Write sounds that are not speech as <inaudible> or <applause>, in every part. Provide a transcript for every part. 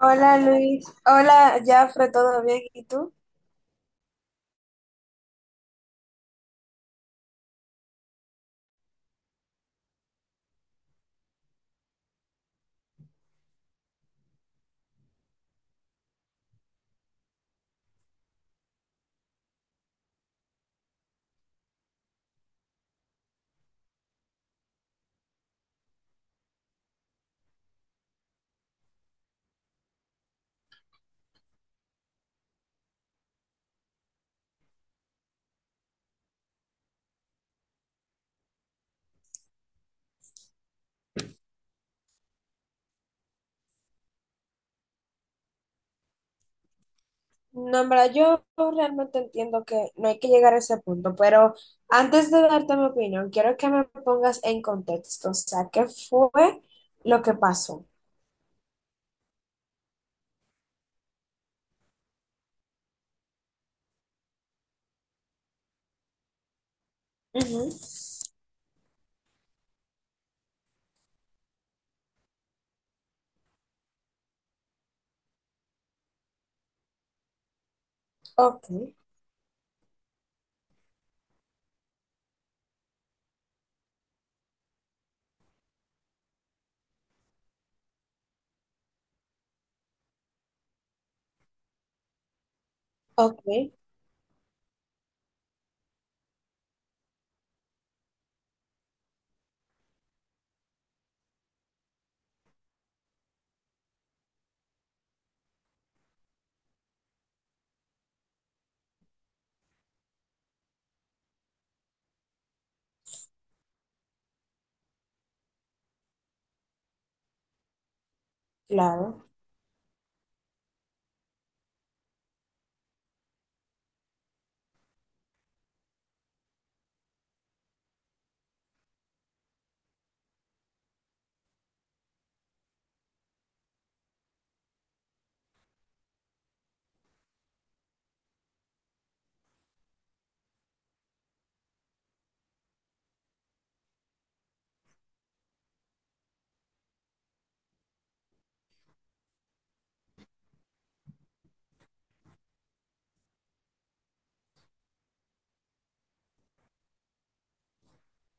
Hola Luis, hola Jafre, ¿todo bien? ¿Y tú? No, en verdad, yo realmente entiendo que no hay que llegar a ese punto, pero antes de darte mi opinión, quiero que me pongas en contexto, o sea, ¿qué fue lo que pasó? Ujú. Ok, ok, claro.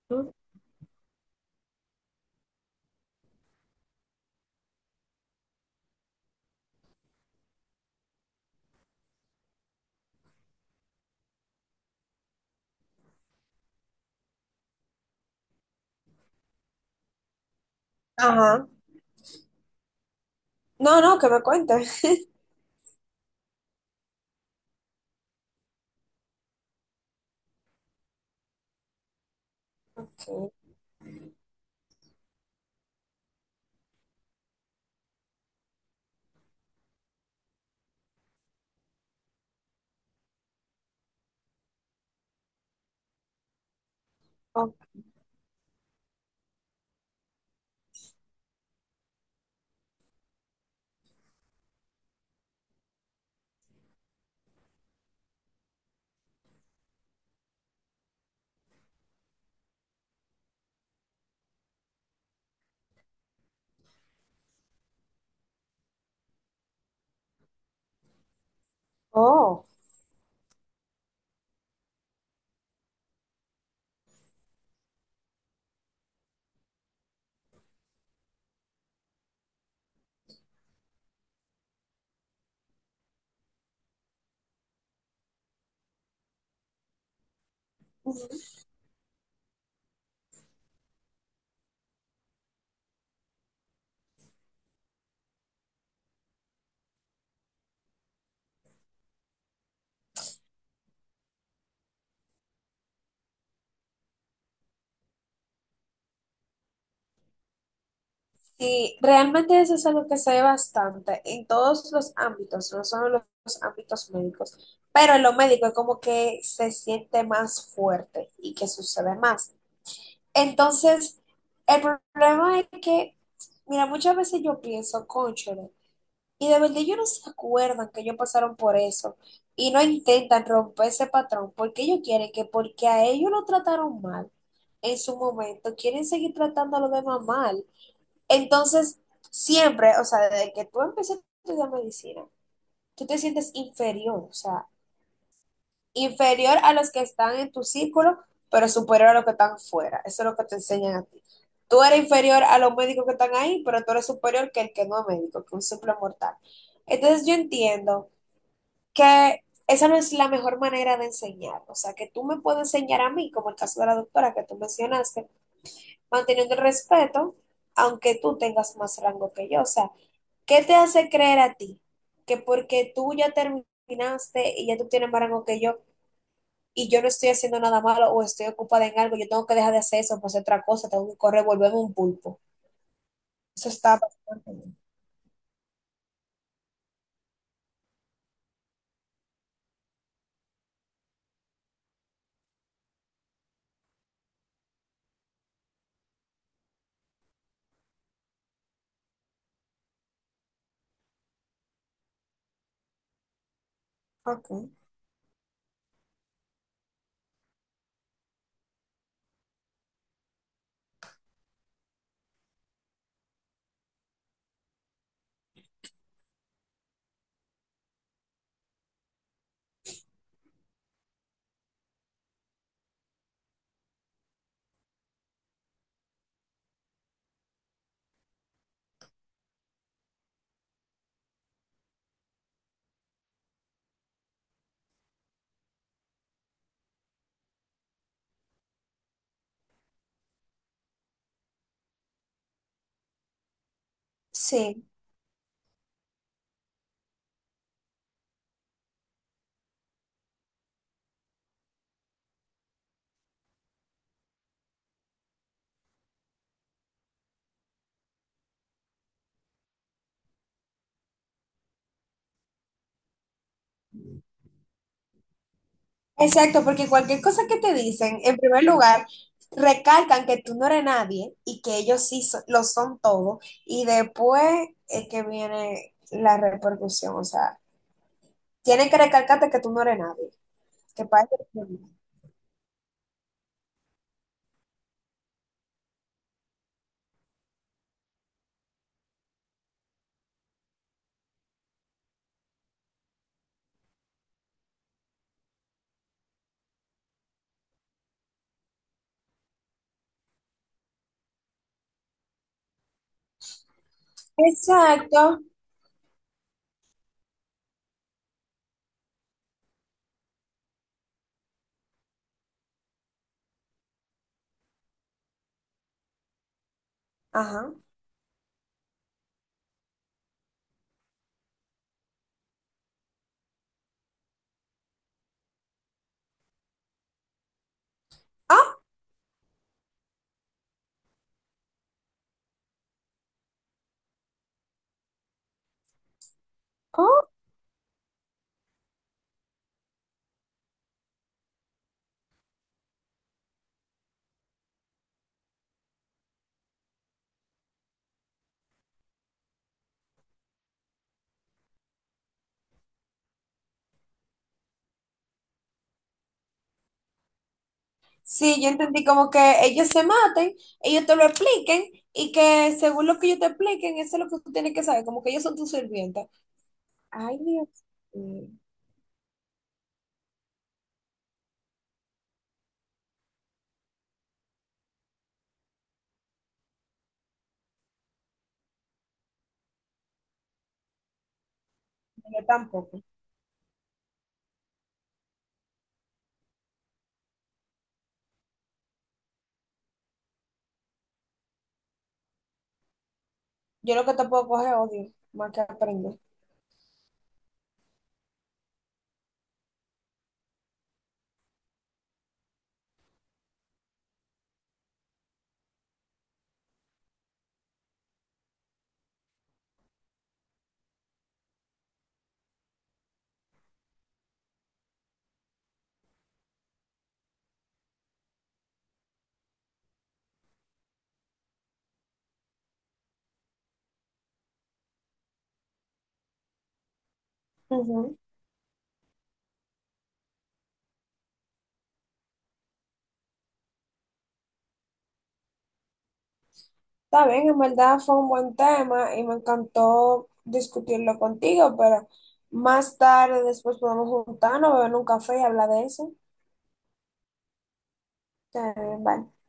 Ujú. Ajá. No, no, que me cuentes. <laughs> Ok. Oh. Sí, realmente eso es algo que se ve bastante en todos los ámbitos, no solo en los ámbitos médicos, pero en lo médico es como que se siente más fuerte y que sucede más. Entonces, el problema es que, mira, muchas veces yo pienso, cónchale, y de verdad ellos no se acuerdan que ellos pasaron por eso y no intentan romper ese patrón porque ellos quieren que porque a ellos lo trataron mal en su momento, quieren seguir tratándolo de demás mal. Entonces, siempre, o sea, desde que tú empiezas a estudiar medicina, tú te sientes inferior, o sea, inferior a los que están en tu círculo, pero superior a los que están fuera. Eso es lo que te enseñan a ti. Tú eres inferior a los médicos que están ahí, pero tú eres superior que el que no es médico, que un simple mortal. Entonces, yo entiendo que esa no es la mejor manera de enseñar. O sea, que tú me puedes enseñar a mí, como el caso de la doctora que tú mencionaste, manteniendo el respeto, aunque tú tengas más rango que yo. O sea, ¿qué te hace creer a ti que porque tú ya terminaste y ya tú tienes más rango que yo y yo no estoy haciendo nada malo o estoy ocupada en algo, yo tengo que dejar de hacer eso, pues otra cosa, tengo que correr, volverme un pulpo? Eso está bastante bien. Ok. Sí, exacto, porque cualquier cosa que te dicen, en primer lugar, recalcan que tú no eres nadie y que ellos sí so- lo son todo y después es que viene la repercusión, o sea, tienen que recalcarte que tú no eres nadie, que parece. Exacto. Ajá. Ah. Oh, sí, yo entendí como que ellos se maten, ellos te lo expliquen y que según lo que ellos te expliquen, eso es lo que tú tienes que saber, como que ellos son tus sirvientes. Ay, Dios mío. Yo tampoco. Yo lo que te puedo coger es odio, más que aprender. Ujú. Está bien, en verdad fue un buen tema y me encantó discutirlo contigo, pero más tarde después podemos juntarnos, beber un café y hablar de eso. Está bien, bye.